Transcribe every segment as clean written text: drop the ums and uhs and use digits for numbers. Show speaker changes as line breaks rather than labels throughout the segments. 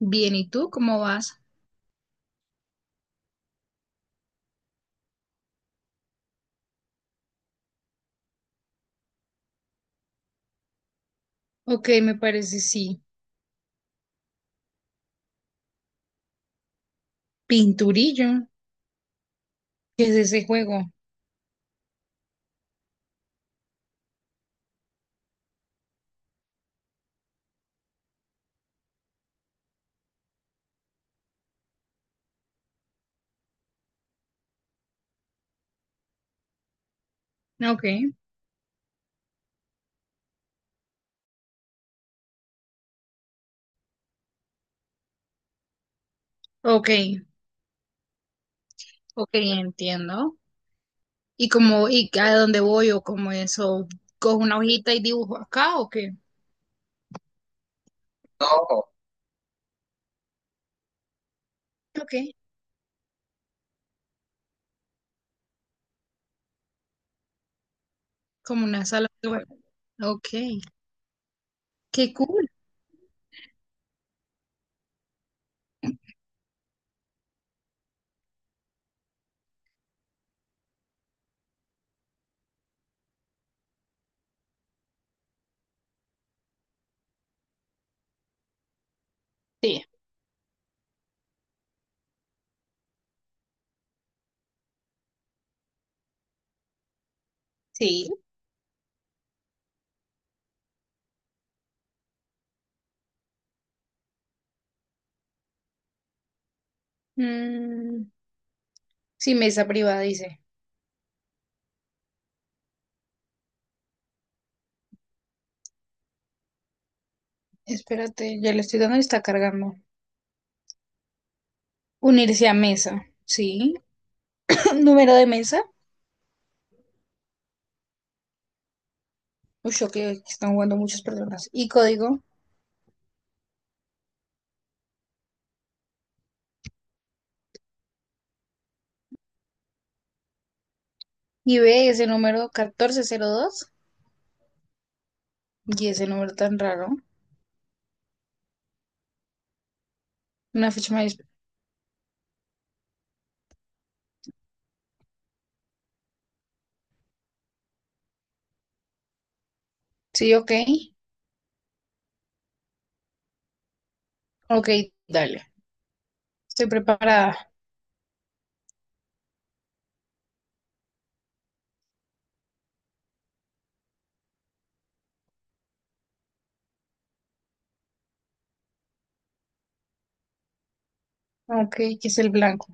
Bien, ¿y tú cómo vas? Ok, me parece sí. Pinturillo, ¿qué es ese juego? Ah, ok, ok, ok, entiendo. ¿Y cómo, y a dónde voy o cómo eso? ¿Cojo una hojita y dibujo acá o qué? No. Ok, como una sala de juego. Ok, qué cool. Sí, sí. Mm, sí, mesa privada, dice. Espérate, ya le estoy dando y está cargando. Unirse a mesa, sí. Número de mesa. Uy, ok, aquí están jugando muchas personas. ¿Y código? Y ve ese número 1402 y ese número tan raro. Una fecha más. Sí, ok. Ok, dale. Estoy preparada. Ok, ¿qué es el blanco?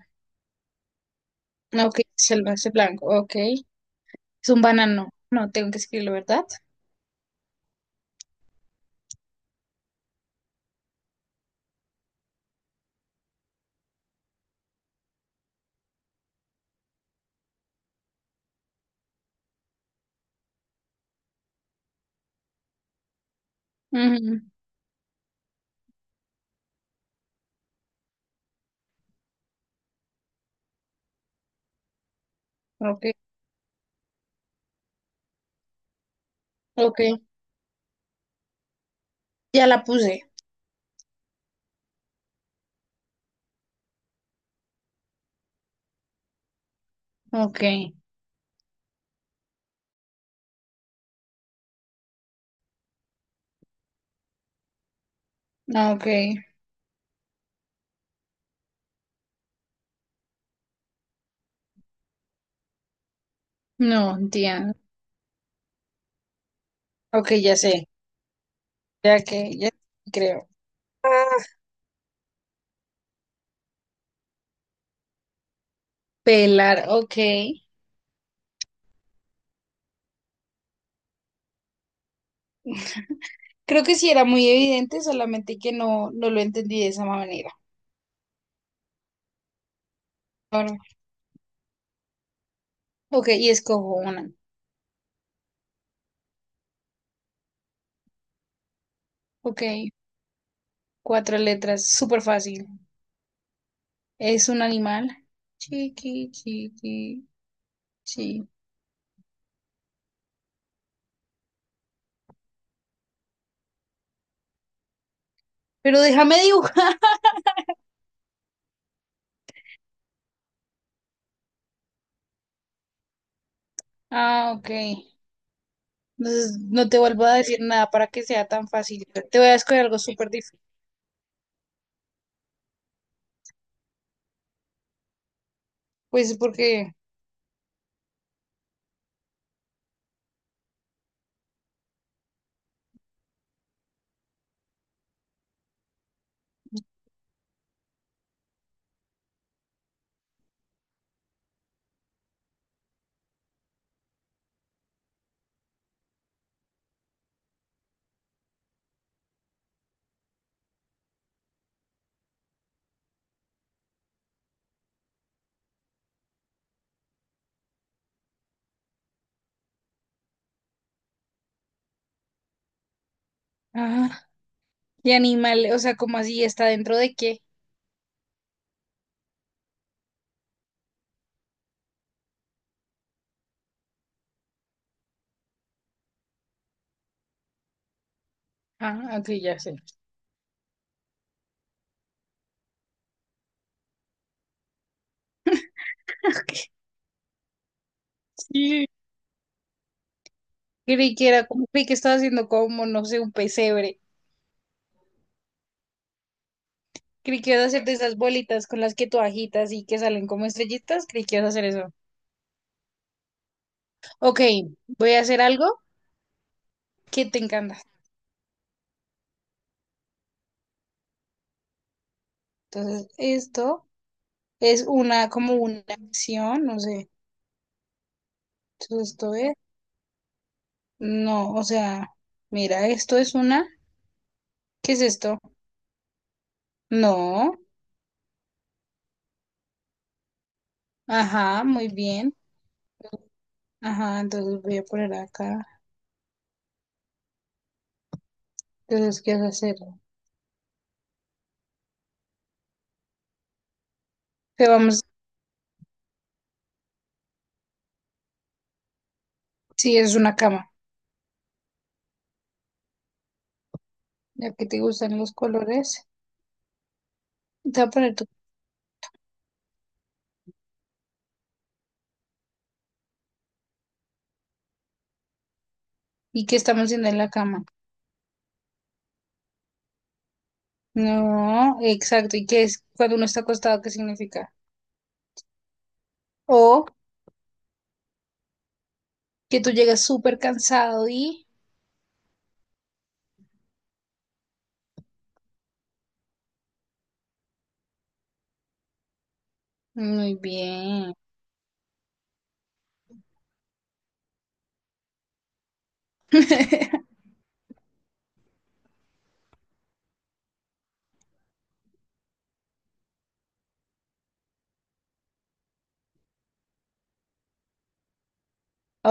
Ok, ¿qué es el, ese blanco? Ok. Es un banano. No, tengo que escribirlo, ¿verdad? Ujú, ok, ok. Ya la puse. Ok, ok. No, entiendo. Ok, ya sé. Ya que, ya creo. Pelar, ok. Creo que sí era muy evidente, solamente que no, no lo entendí de esa manera. Ok, y escojo una. Ok, cuatro letras, súper fácil. Es un animal. Chiqui, chiqui, chi. Pero déjame dibujar. Ah, ok. Entonces no te vuelvo a decir nada para que sea tan fácil. Te voy a escoger algo súper difícil. Pues porque... Ah, y animal, o sea, como así? ¿Está dentro de qué? Ah, ok, ya sé. Ok, sí. Creí que era como, creí que estaba haciendo como, no sé, un pesebre. Creí que ibas a hacer de esas bolitas con las que tú agitas y que salen como estrellitas. Creí que ibas a hacer eso. Ok, voy a hacer algo que te encanta. Entonces, esto es una, como una acción, no sé. Entonces, esto es, no, o sea, mira, esto es una, ¿qué es esto? No, ajá, muy bien. Ajá, entonces voy a poner acá. Entonces, ¿qué vas a hacer? Te vamos, sí, es una cama. Ya que te gustan los colores, te voy a poner tu. ¿Y qué estamos haciendo en la cama? No, exacto. ¿Y qué es cuando uno está acostado? ¿Qué significa? O que tú llegas súper cansado y... Muy bien.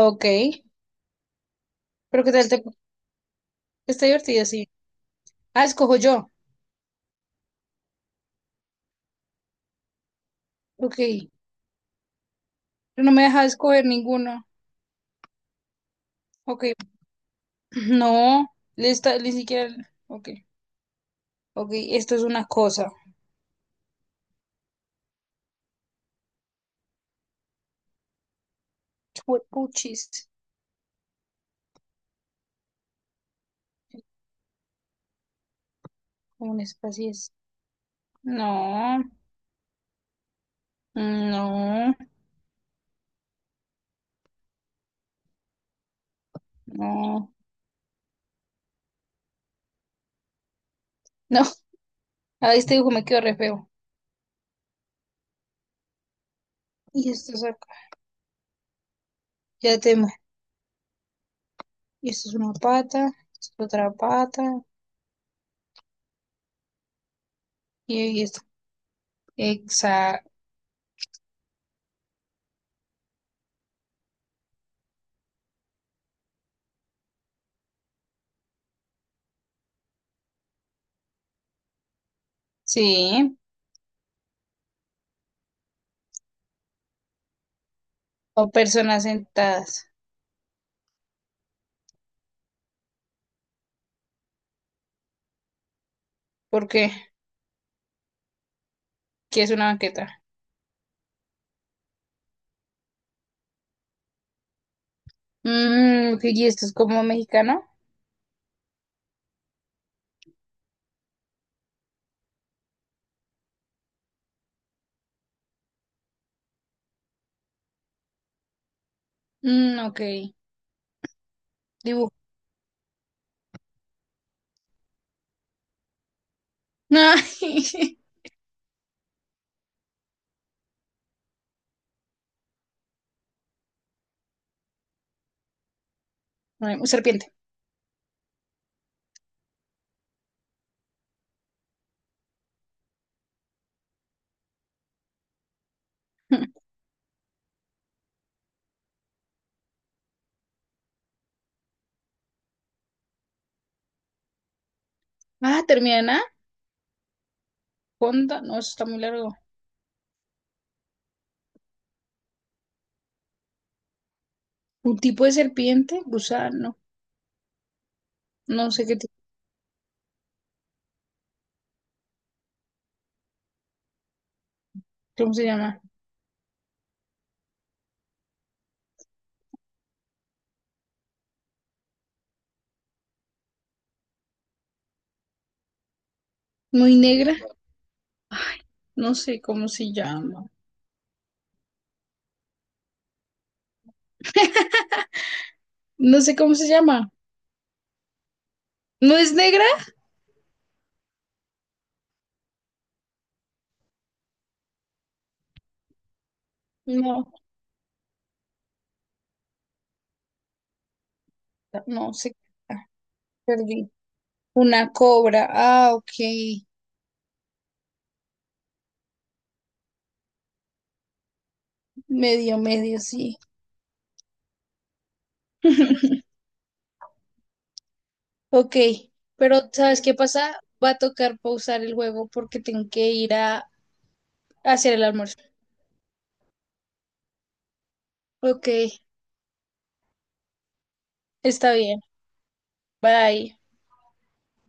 Ok. Pero ¿qué tal te... Está divertido, sí. Ah, escojo yo. Ok. Pero no me deja escoger ninguno. Ok. No. Le está- ni siquiera... Ok. Ok. Esto es una cosa. Chuepuchis. Como un espacio es. No. No. No. No. A este dibujo me quedó re feo. Y esto es acá. Ya te y esto es una pata, esto es otra pata. Y esto. Exacto. Sí. O personas sentadas. ¿Por qué? ¿Qué es una banqueta? Mm, ok, ¿y esto es como mexicano? Mm, ok. Dibujo. Ay, un serpiente. Ah, termina en A. Conda. No, eso está muy largo. Un tipo de serpiente, gusano. No sé qué tipo, cómo se llama. Muy negra. No sé cómo se llama. No sé cómo se llama. ¿No es negra? No, no sé. Perdí. Una cobra. Ah, ok. Medio, medio, sí. Ok. Pero, ¿sabes qué pasa? Va a tocar pausar el juego porque tengo que ir a hacer el almuerzo. Ok, está bien. Bye.